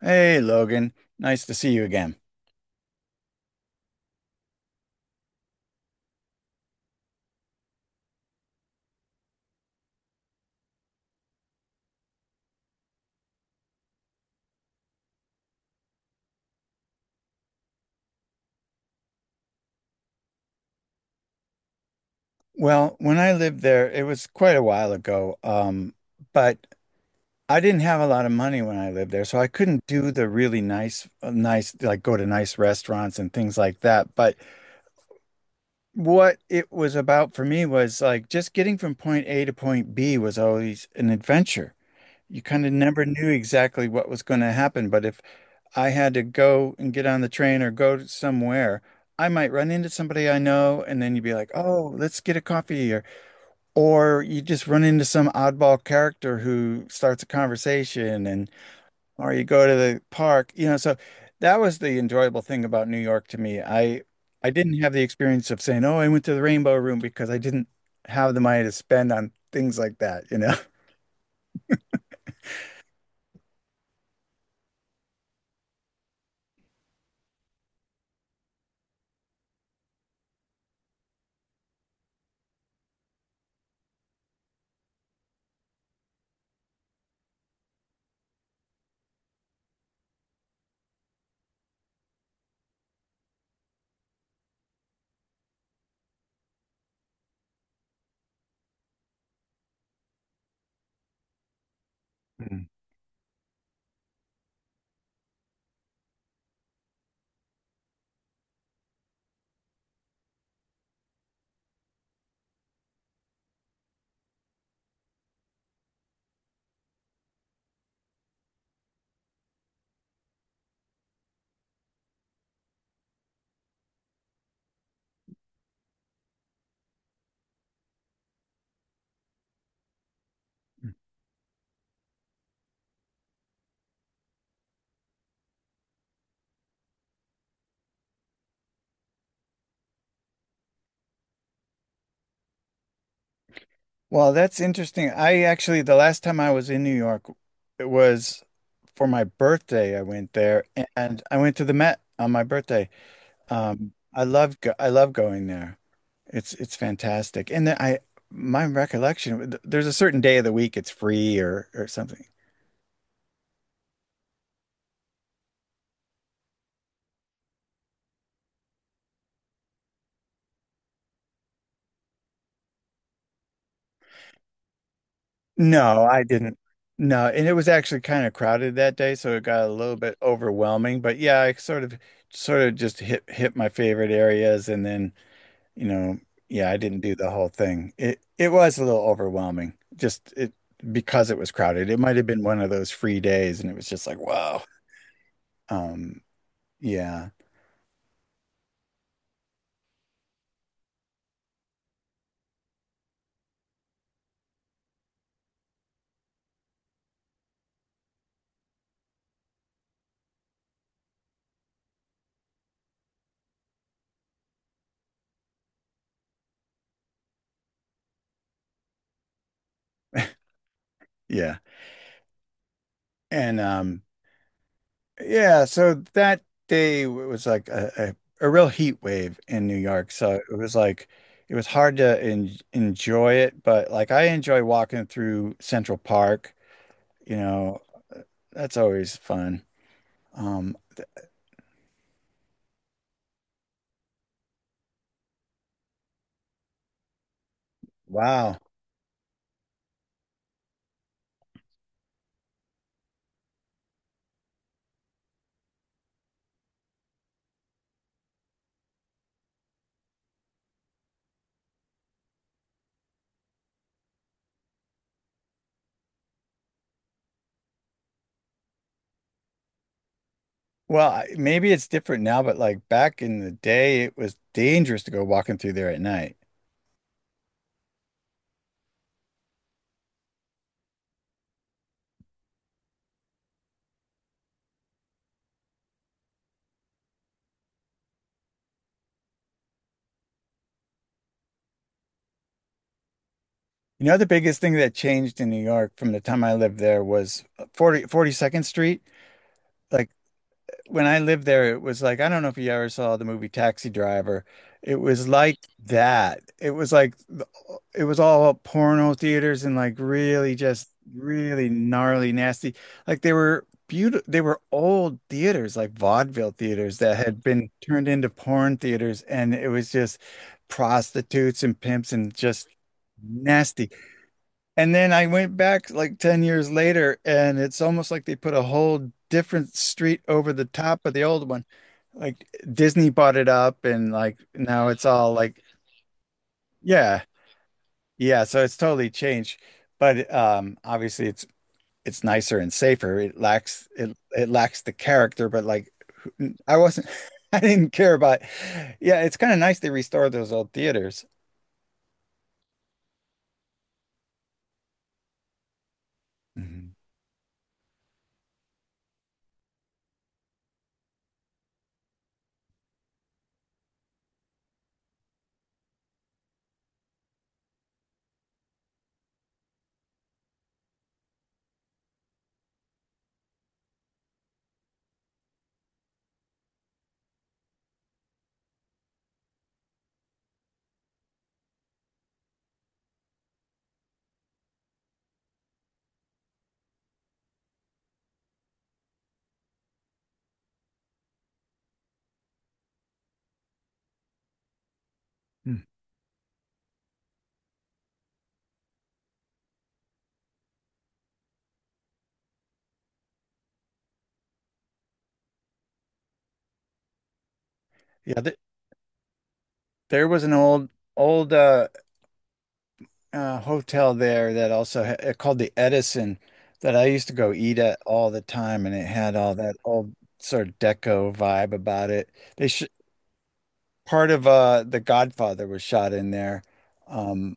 Hey, Logan. Nice to see you again. Well, when I lived there, it was quite a while ago, but I didn't have a lot of money when I lived there, so I couldn't do the really nice, like go to nice restaurants and things like that. But what it was about for me was like just getting from point A to point B was always an adventure. You kind of never knew exactly what was going to happen, but if I had to go and get on the train or go to somewhere, I might run into somebody I know, and then you'd be like, "Oh, let's get a coffee," or you just run into some oddball character who starts a conversation, and or you go to the park. So that was the enjoyable thing about New York to me. I didn't have the experience of saying, "Oh, I went to the Rainbow Room," because I didn't have the money to spend on things like that. Well, that's interesting. I actually, the last time I was in New York, it was for my birthday. I went there and I went to the Met on my birthday. I love going there. It's fantastic. And then I My recollection, there's a certain day of the week it's free or something. No, I didn't. No, and it was actually kind of crowded that day, so it got a little bit overwhelming. But yeah, I sort of just hit my favorite areas and then, you know, yeah, I didn't do the whole thing. It was a little overwhelming. Just it because it was crowded. It might have been one of those free days and it was just like, wow. Um, yeah. Yeah. And Yeah, so that day was like a real heat wave in New York. So it was like it was hard to en enjoy it, but like I enjoy walking through Central Park, you know, uh, that's always fun. Um, wow. Well, maybe it's different now, but like back in the day, it was dangerous to go walking through there at night. You know, the biggest thing that changed in New York from the time I lived there was 42nd Street. Like when I lived there, it was like, I don't know if you ever saw the movie Taxi Driver. It was like that. It was like, it was all porno theaters and like really just really gnarly, nasty. Like they were beautiful, they were old theaters, like vaudeville theaters that had been turned into porn theaters. And it was just prostitutes and pimps and just nasty. And then I went back like 10 years later, and it's almost like they put a whole different street over the top of the old one. Like Disney bought it up, and like now it's all like, yeah, yeah. So it's totally changed. But obviously, it's nicer and safer. It lacks the character, but like I wasn't, I didn't care about. Yeah, it's kind of nice they restored those old theaters. Mhm. Mm. Yeah, th there was an old hotel there that also ha called the Edison that I used to go eat at all the time, and it had all that old sort of deco vibe about it. They sh Part of The Godfather was shot in there, um,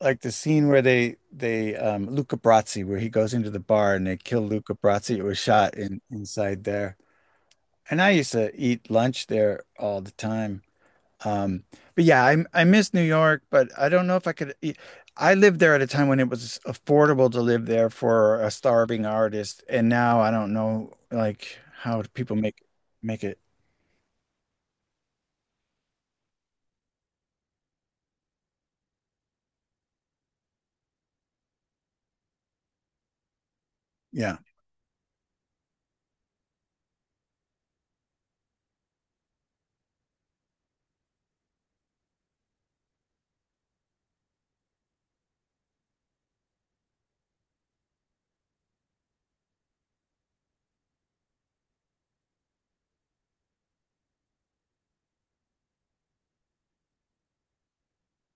like the scene where they Luca Brasi, where he goes into the bar and they kill Luca Brasi. It was shot in inside there, and I used to eat lunch there all the time. Um, but yeah, I miss New York, but I don't know if I could. I lived there at a time when it was affordable to live there for a starving artist, and now I don't know like how people make it. Yeah,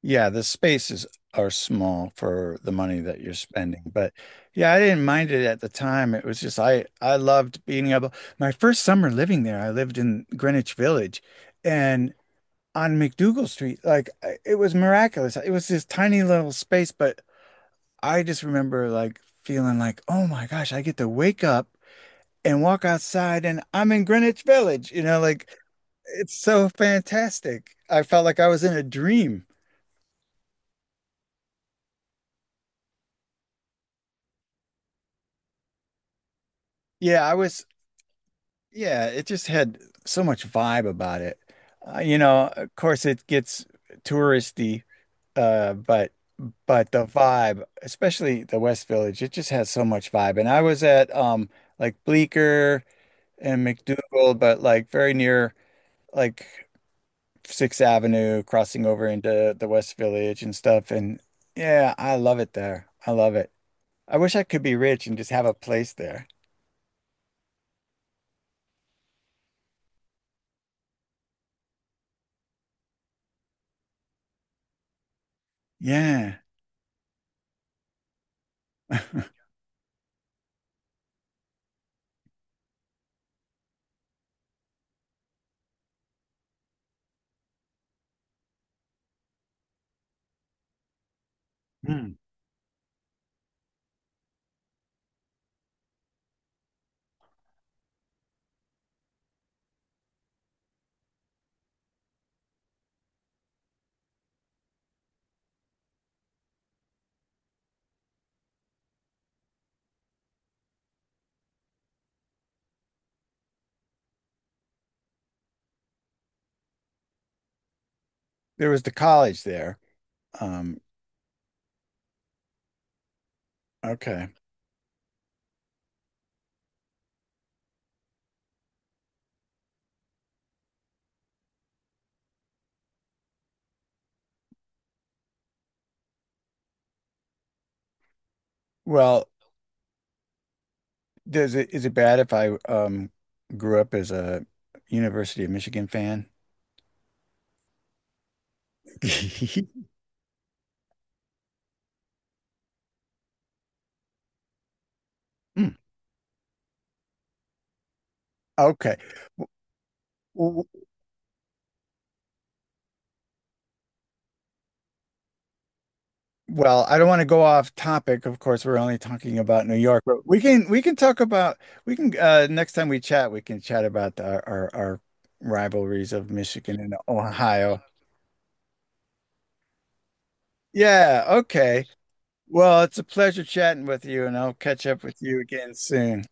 yeah, the spaces are small for the money that you're spending, but yeah, I didn't mind it at the time. It was just I loved being able. My first summer living there, I lived in Greenwich Village, and on McDougal Street, like it was miraculous. It was this tiny little space, but I just remember like feeling like, oh my gosh, I get to wake up and walk outside and I'm in Greenwich Village. You know, like it's so fantastic. I felt like I was in a dream. Yeah, I was, yeah, it just had so much vibe about it. You know, of course it gets touristy, but the vibe, especially the West Village, it just has so much vibe. And I was at like Bleecker and McDougal, but like very near like Sixth Avenue, crossing over into the West Village and stuff. And yeah, I love it there. I love it. I wish I could be rich and just have a place there. Yeah. Hmm. There was the college there. Um, okay. Well, does it is it bad if I grew up as a University of Michigan fan? Mm, Okay. Well, Well, I don't want to go off topic. Of course, we're only talking about New York, but we can talk about we can next time we chat, we can chat about our rivalries of Michigan and Ohio. Yeah, okay. Well, it's a pleasure chatting with you, and I'll catch up with you again soon.